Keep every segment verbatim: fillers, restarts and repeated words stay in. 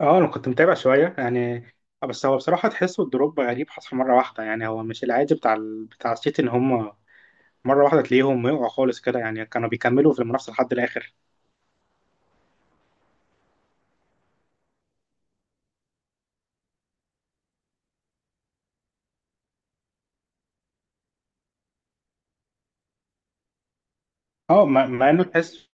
اه، انا كنت متابع شويه يعني. آه، بس هو بصراحه تحسه الدروب غريب، حصل مره واحده. يعني هو مش العادي بتاع ال... بتاع السيتي ان هم مره واحده تلاقيهم يقعوا خالص كده. يعني كانوا بيكملوا في المنافسه لحد الاخر. اه، مع مع انه تحسه.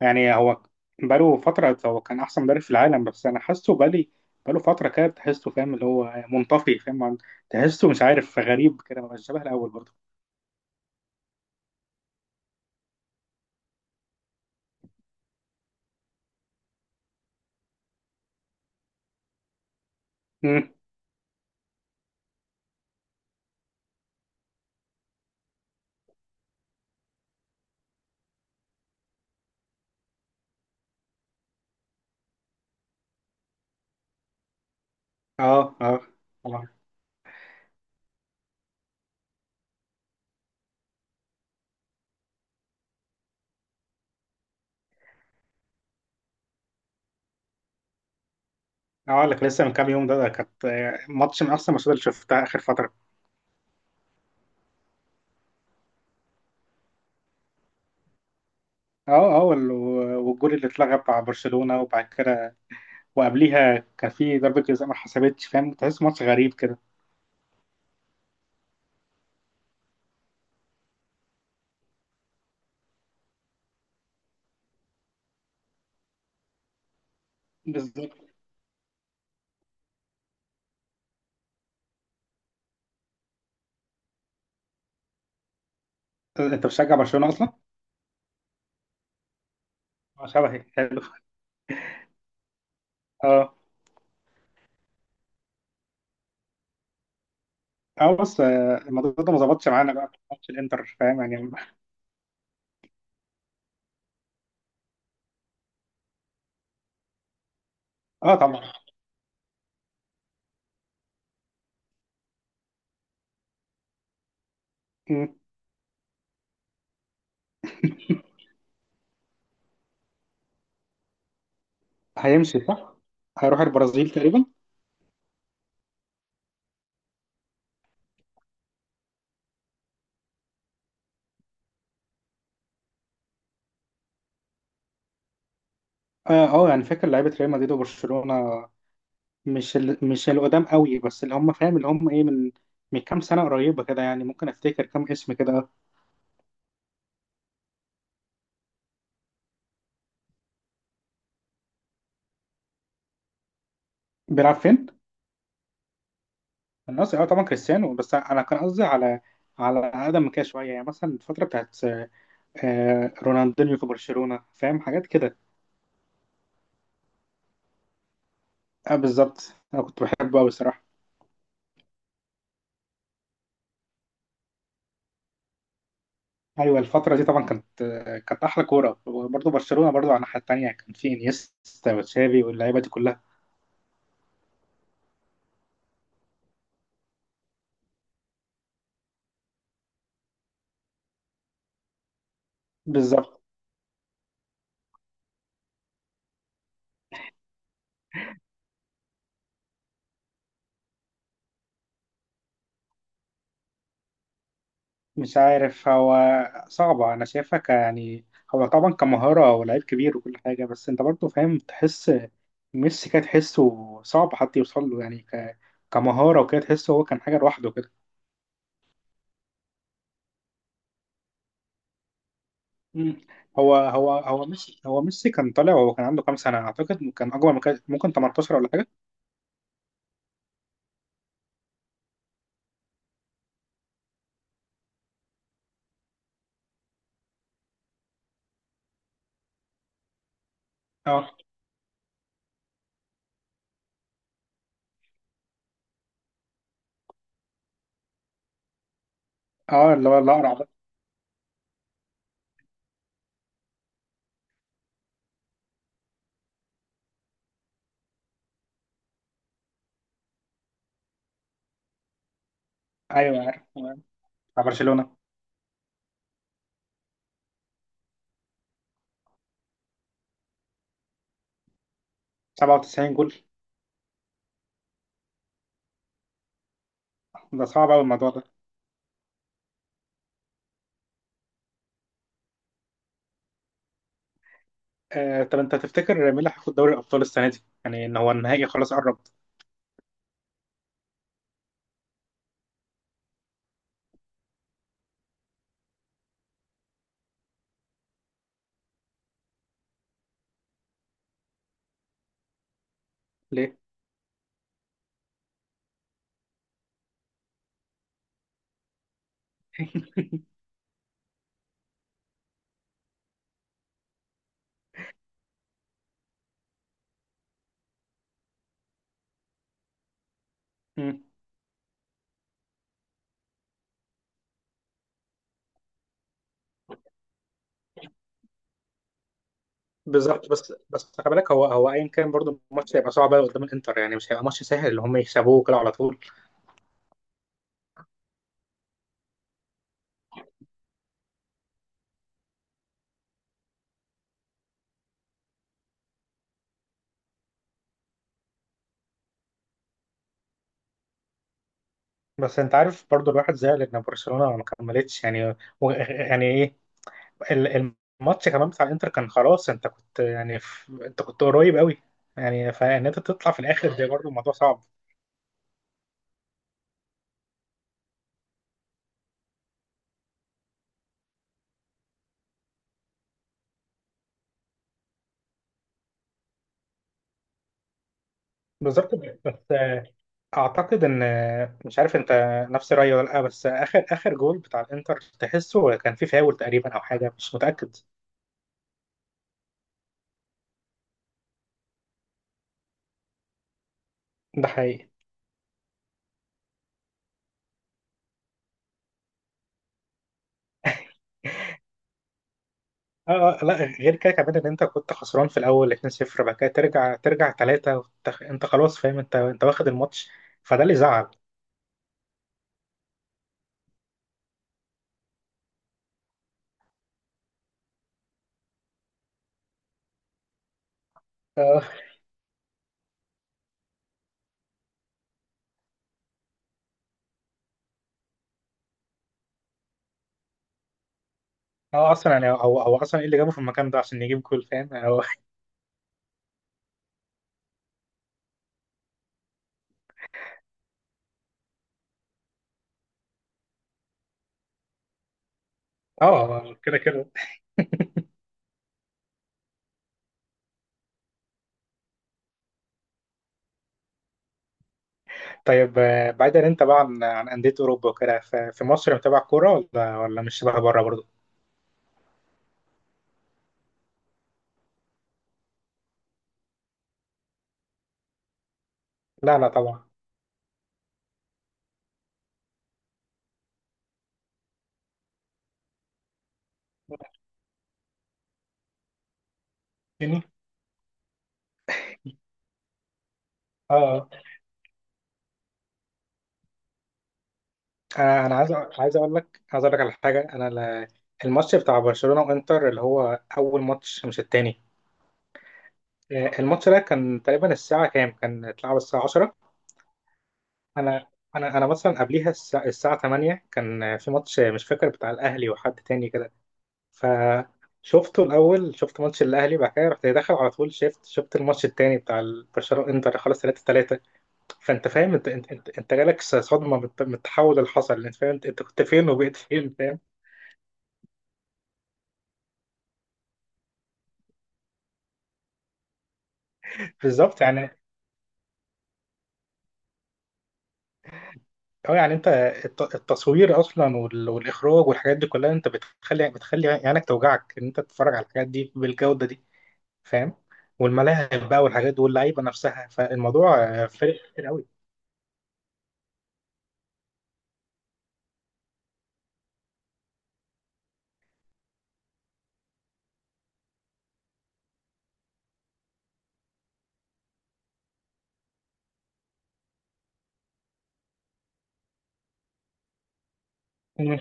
يعني هو بقاله فتره هو كان احسن مدرب في العالم، بس انا حاسه بقالي بقاله فتره كده تحسه، فاهم؟ اللي هو منطفي، فاهم. عن- تحسه مش عارف، غريب كده، مبقاش شبه الاول برضه. امم اه، اه، والله. اه، لك لسه من كام يوم، ده, ده كانت آه، ماتش من احسن الماتشات اللي شفتها اخر فتره. اه، اه، وال- والجول اللي اتلغى بتاع برشلونة، وبعد كده وقبليها كان في ضربة جزاء ما حسبتش، فاهم؟ تحس ماتش غريب كده. بالظبط. انت بتشجع برشلونة اصلا؟ اه، شبهي حلو. اه، اه، بص، آه، الموضوع ده ما ظبطش معانا بقى في ماتش الانتر، فاهم يعني. اه، طبعا. مم. هيمشي، صح؟ هيروح البرازيل تقريبا. اه، اه، يعني فاكر لعيبة ريال مدريد وبرشلونة. مش ال... مش القدام قوي، بس اللي هم، فاهم؟ اللي هم ايه من من كام سنة قريبة كده، يعني ممكن افتكر كام اسم كده. اه. بيلعب فين؟ الناس، اه طبعا كريستيانو، بس انا كان قصدي على على اقدم من كده شويه، يعني مثلا الفتره بتاعت آه، رونالدينيو في برشلونه، فاهم حاجات كده. اه، بالظبط، انا كنت بحبه قوي الصراحه. ايوه، الفتره دي طبعا كانت آه، كانت احلى كوره، وبرضه برشلونه برضه على الناحيه التانيه كان في انيستا وتشافي واللعيبه دي كلها. بالظبط. مش عارف، هو صعبه، انا شايفها، ك- يعني هو طبعا كمهاره ولاعيب كبير وكل حاجه، بس انت برضه فاهم، تحس ميسي كده، تحسه صعب حد يوصل له، يعني ك... كمهارة وكده، تحسه هو كان حاجة لوحده كده. مم. هو هو هو ميسي هو ميسي كان طالع، وهو كان عنده كام سنة؟ أعتقد كان أكبر من كده، ممكن تمنتاشر ولا حاجة. اه، اه، اللي هو الأقرع ده. أيوه عارف. آه. بتاع برشلونة سبعة وتسعين جول. ده صعب أوي الموضوع ده. آه طب أنت تفتكر مين اللي هياخد دوري الأبطال السنة دي؟ يعني إن هو النهائي خلاص قرب. ليه؟ مم. بالظبط، بس بس خلي بالك هو هو أيا كان برضه الماتش هيبقى صعب أوي قدام الإنتر، يعني مش هيبقى ماتش سهل اللي هم يكسبوه كده على طول. بس انت عارف برضو، الواحد زعل ان برشلونه ما كملتش، يعني و... يعني ايه ال- الماتش كمان بتاع الانتر كان خلاص، انت كنت يعني في... انت كنت قريب قوي، يعني فان انت تطلع في الاخر ده برضو الموضوع صعب. بالظبط، بس آه، اعتقد ان آه، مش عارف انت نفس رايي ولا لا، بس اخر اخر جول بتاع الانتر تحسه كان فيه فاول تقريبا، او حاجه، مش متاكد. ده حقيقي. اه، اه، لا. غير كده كمان ان انت كنت خسران في الاول اتنين صفر، بعد كده ترجع ترجع تلاتة وت- انت خلاص فاهم، انت انت واخد الماتش. فده اللي زعل. اه، آه، اصلا يعني هو هو اصلا ايه اللي جابه في المكان ده عشان يجيب جول؟ فاهم يعني هو- اه، كده كده. طيب، آه، بعيدا انت بقى عن عن انديه اوروبا وكده، ف- في مصر متابع كوره، ولا ولا مش شبه بره برضه؟ لا، لا، طبعا. يعني اه، انا انا عايز أ- عايز اقول لك عايز اقول لك على حاجه. انا ال- الماتش بتاع برشلونه وانتر، اللي هو اول ماتش مش التاني. آه، الماتش ده كان تقريبا الساعة كام؟ كان اتلعب الساعة عشرة. أنا أنا أنا مثلا قبليها الساعة, الساعة تمانية كان آه، في ماتش آه، مش فاكر بتاع الأهلي وحد تاني كده. فشفته الأول، شفت ماتش الأهلي، بعد كده رحت داخل على طول شفت شفت الماتش التاني بتاع البرشلونة إنتر، خلاص تلاتة تلاتة. فأنت فاهم، أنت أنت أنت, أنت جالك صدمة من الت- من التحول اللي حصل، أنت فاهم أنت أنت كنت فين وبقيت فين، فاهم. بالظبط، يعني. اه، يعني انت الت- التصوير اصلا وال- والاخراج والحاجات دي كلها، انت بتخلي بتخلي عينك توجعك ان انت تتفرج على الحاجات دي بالجوده دي، فاهم. والملاعب بقى والحاجات دي واللعيبه نفسها، فالموضوع آه، فارق كتير قوي. مم.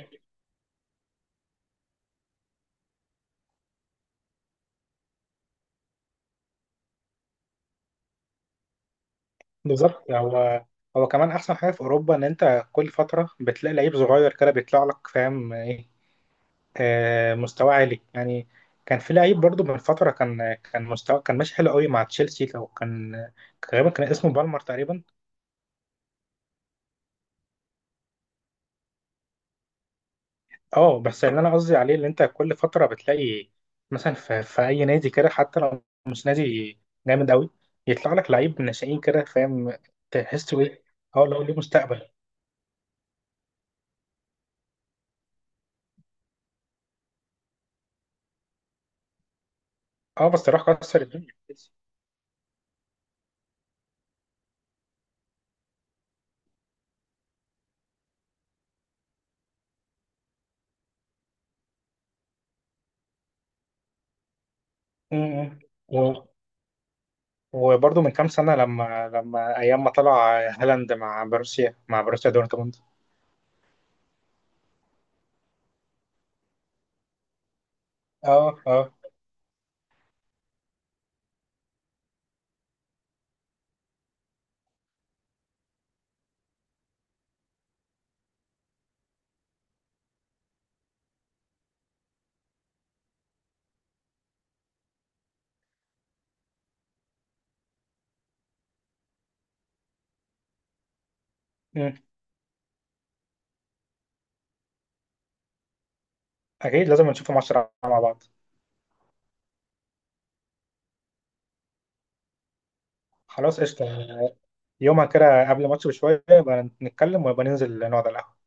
بالظبط، هو هو كمان احسن حاجه في اوروبا، ان انت كل فتره بتلاقي لعيب صغير كده بيطلع لك، فاهم ايه، آه، مستوى عالي يعني. كان في لعيب برضو من فتره، كان كان مستوى، كان ماشي حلو قوي مع تشيلسي، او كان كان غالبا كان اسمه بالمر تقريبا. اه، بس اللي انا قصدي عليه اللي انت كل فتره بتلاقي مثلا في, في اي نادي كده، حتى لو مش نادي جامد قوي، يطلع لك لعيب ناشئين كده، فاهم تحسه ايه، اه، لو ليه مستقبل. اه، بس راح كسر الدنيا. م- م. و- وبرضه من كام سنه، لما لما ايام ما طلع هالاند مع بروسيا مع بروسيا دورتموند. اه، اه. م. اكيد لازم نشوف ماتش مع بعض. خلاص، قشطه. يومها كده قبل الماتش بشويه يبقى نتكلم، ويبقى ننزل نقعد على القهوه.